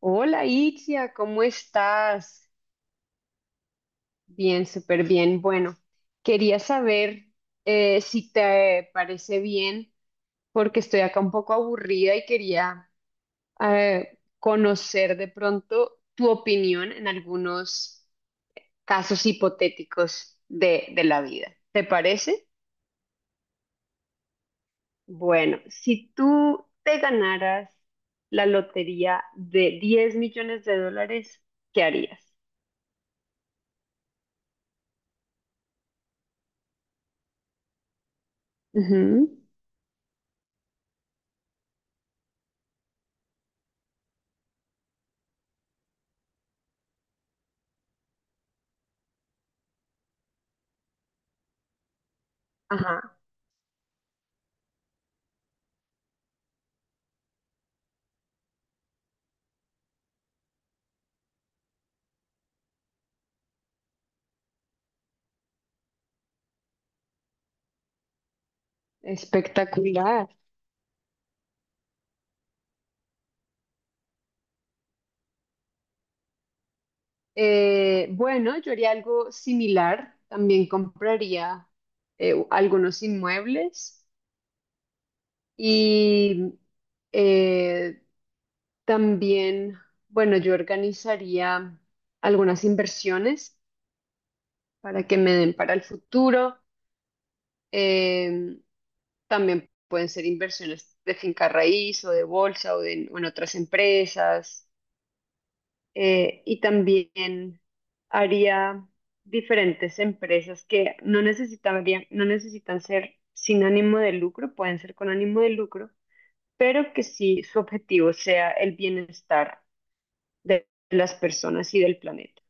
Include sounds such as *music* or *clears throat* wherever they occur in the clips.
Hola Itzia, ¿cómo estás? Bien, súper bien. Bueno, quería saber si te parece bien, porque estoy acá un poco aburrida y quería conocer de pronto tu opinión en algunos casos hipotéticos de la vida. ¿Te parece? Bueno, si tú te ganaras la lotería de $10 millones, ¿qué harías? Ujú. Ajá. Espectacular. Bueno, yo haría algo similar. También compraría algunos inmuebles y eh, también, bueno, yo organizaría algunas inversiones para que me den para el futuro. Eh, También pueden ser inversiones de finca raíz o de bolsa o en otras empresas. Y también haría diferentes empresas que no necesitarían, no necesitan ser sin ánimo de lucro, pueden ser con ánimo de lucro, pero que sí su objetivo sea el bienestar de las personas y del planeta.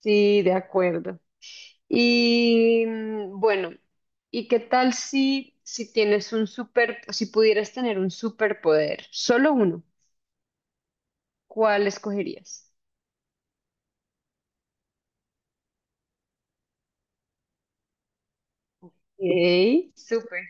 Sí, de acuerdo. Y mm, bueno, ¿y qué tal si tienes un super, si pudieras tener un superpoder, solo uno, ¿cuál escogerías? Ok, súper,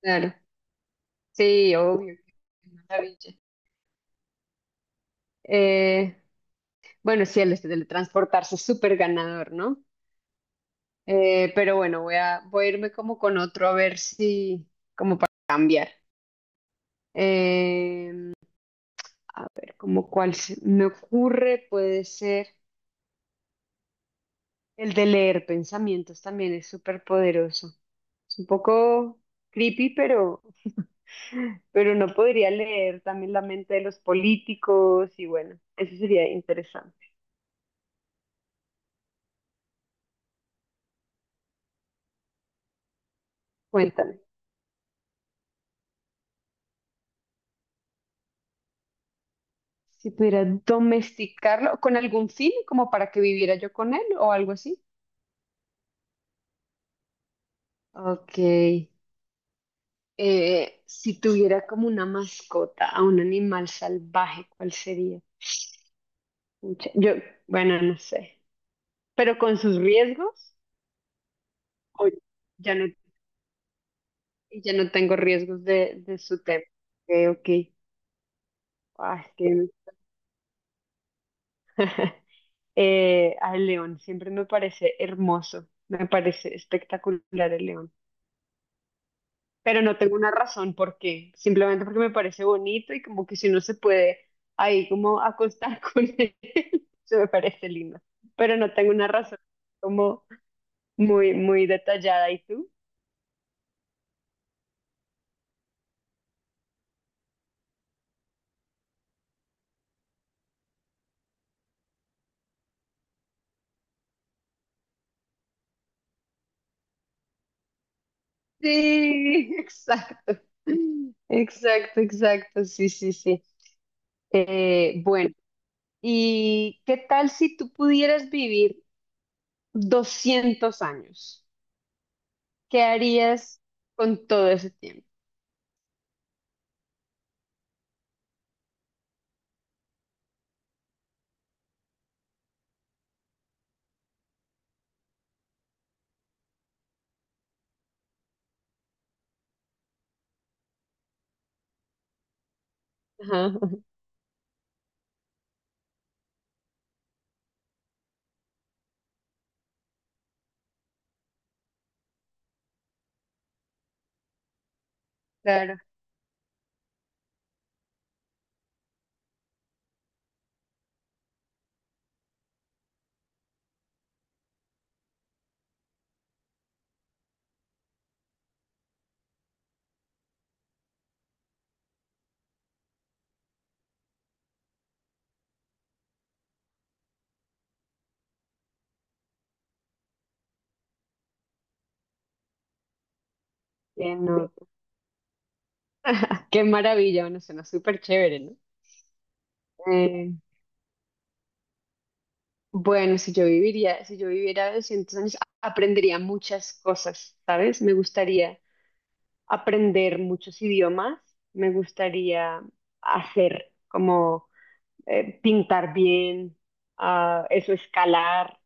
claro. Sí, obvio, qué maravilla. Eh, bueno, sí, el este teletransportarse es súper ganador, ¿no? Pero bueno, voy a irme como con otro a ver si cambiar. Eh, a ver, como cuál se me ocurre, puede ser el de leer pensamientos también es súper poderoso. Es un poco creepy, pero no podría leer también la mente de los políticos y bueno, eso sería interesante. Cuéntame. Si pudiera domesticarlo con algún fin, como para que viviera yo con él o algo así. Ok. Si tuviera como una mascota a un animal salvaje, ¿cuál sería? Pucha, yo, bueno, no sé. Pero con sus riesgos, o ya no, ya no tengo riesgos de su tema. Ok, ok. Ah, es que- *laughs* al león, siempre me parece hermoso. Me parece espectacular el león. Pero no tengo una razón por qué, simplemente porque me parece bonito y como que si uno se puede ahí como acostar *laughs* con él, se me parece lindo, pero no tengo una razón como muy, muy detallada. ¿Y tú? Sí, *laughs* exacto, exacto, exacto, sí, sí, sí. Bueno, ¿Y qué tal si tú pudieras vivir 200 años? ¿Qué harías con todo ese tiempo? Ajá, *laughs* claro, que no. Qué maravilla, bueno, suena súper chévere, ¿no? Eh, bueno, si yo viviera 200 años, aprendería muchas cosas, ¿sabes? Me gustaría aprender muchos idiomas, me gustaría hacer como pintar bien, ah, eso, escalar.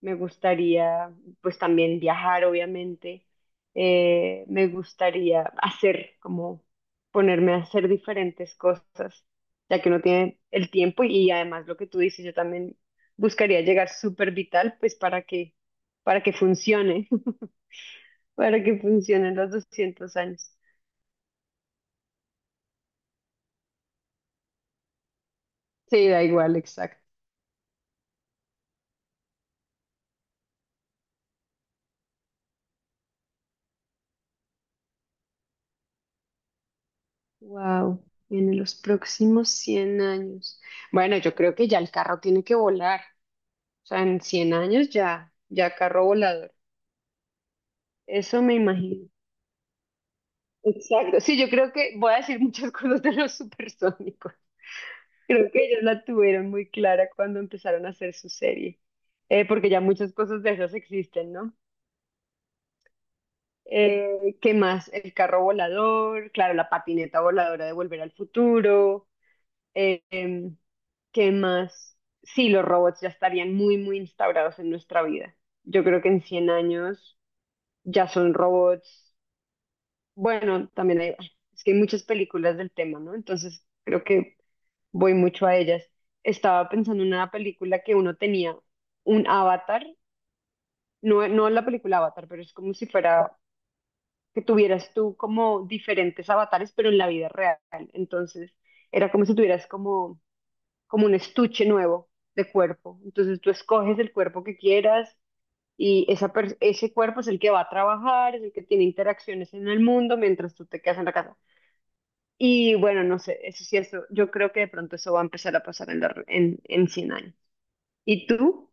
Me gustaría, pues también viajar, obviamente. Me gustaría hacer, como ponerme a hacer diferentes cosas, ya que uno tiene el tiempo y además lo que tú dices, yo también buscaría llegar súper vital, pues para que funcione, *laughs* para que funcionen los 200 años. Sí, da igual, exacto. Wow, en los próximos 100 años. Bueno, yo creo que ya el carro tiene que volar. O sea, en 100 años ya carro volador. Eso me imagino. Exacto. Sí, yo creo que voy a decir muchas *laughs* cosas de los supersónicos. Creo que ellos la tuvieron muy clara cuando empezaron a hacer su serie. Porque ya muchas cosas de esas existen, ¿no? ¿Qué más? El carro volador, claro, la patineta voladora de Volver al Futuro. Eh, em, ¿Qué más? Sí, los robots ya estarían muy, muy instaurados en nuestra vida. Yo creo que en 100 años ya son robots. Bueno, también hay, es que hay muchas películas del tema, ¿no? Entonces creo que voy mucho a ellas. Estaba pensando en una película que uno tenía un avatar, no, no la película Avatar, pero es como si fuera que tuvieras tú como diferentes avatares, pero en la vida real. Entonces era como si tuvieras como un estuche nuevo de cuerpo. Entonces tú escoges el cuerpo que quieras y ese cuerpo es el que va a trabajar, es el que tiene interacciones en el mundo mientras tú te quedas en la casa. Y bueno, no sé, eso sí, eso, yo creo que de pronto eso va a empezar a pasar en, la re- en cien años. ¿Y tú?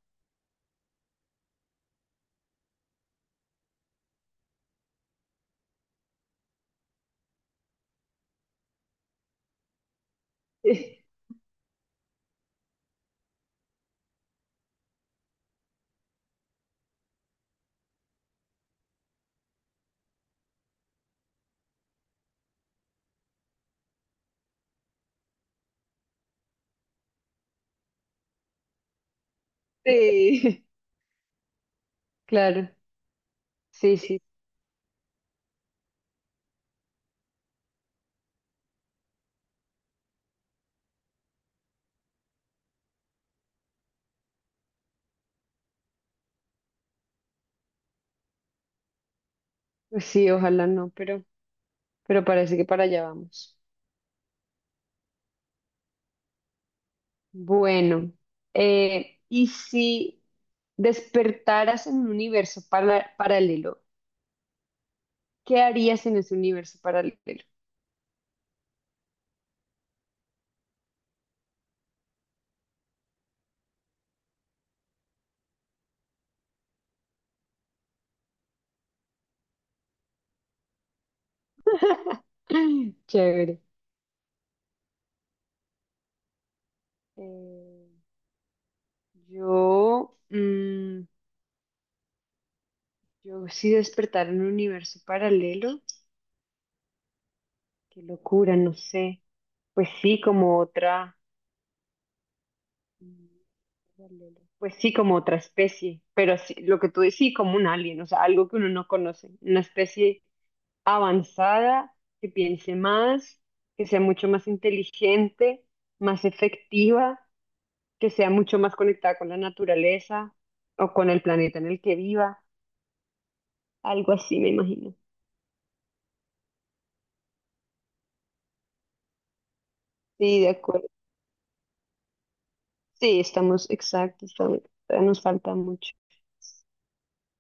*laughs* Sí, claro, sí, sí, pues sí, ojalá no, pero parece que para allá vamos. Bueno, ¿y si despertaras en un universo paralelo? ¿Qué harías en ese universo paralelo? *clears throat* *laughs* Chévere. Eh, yo, mm, yo sí despertar en un universo paralelo. Qué locura, no sé. Pues sí, como otra. Mm, paralelo. Pues sí, como otra especie. Pero sí, lo que tú decís, sí, como un alien, o sea, algo que uno no conoce. Una especie avanzada, que piense más, que sea mucho más inteligente, más efectiva, que sea mucho más conectada con la naturaleza o con el planeta en el que viva, algo así me imagino. Sí, de acuerdo. Sí, estamos, exacto, todavía nos falta mucho.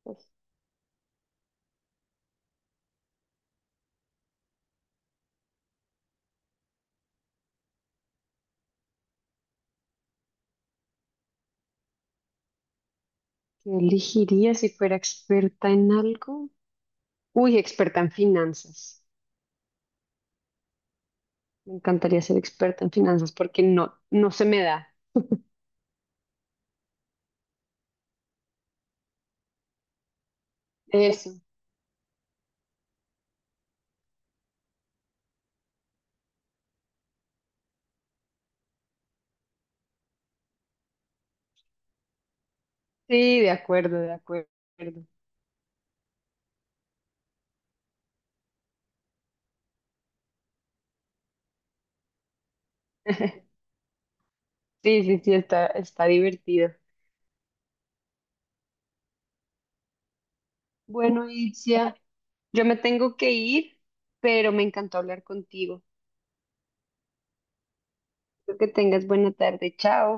Pues, ¿qué elegiría si fuera experta en algo? Uy, experta en finanzas. Me encantaría ser experta en finanzas porque no, no se me da. Eso. Sí, de acuerdo, de acuerdo. *laughs* Sí, sí, sí, está, está divertido. Bueno, Itzia. Yo me tengo que ir, pero me encantó hablar contigo. Espero que tengas buena tarde. Chao.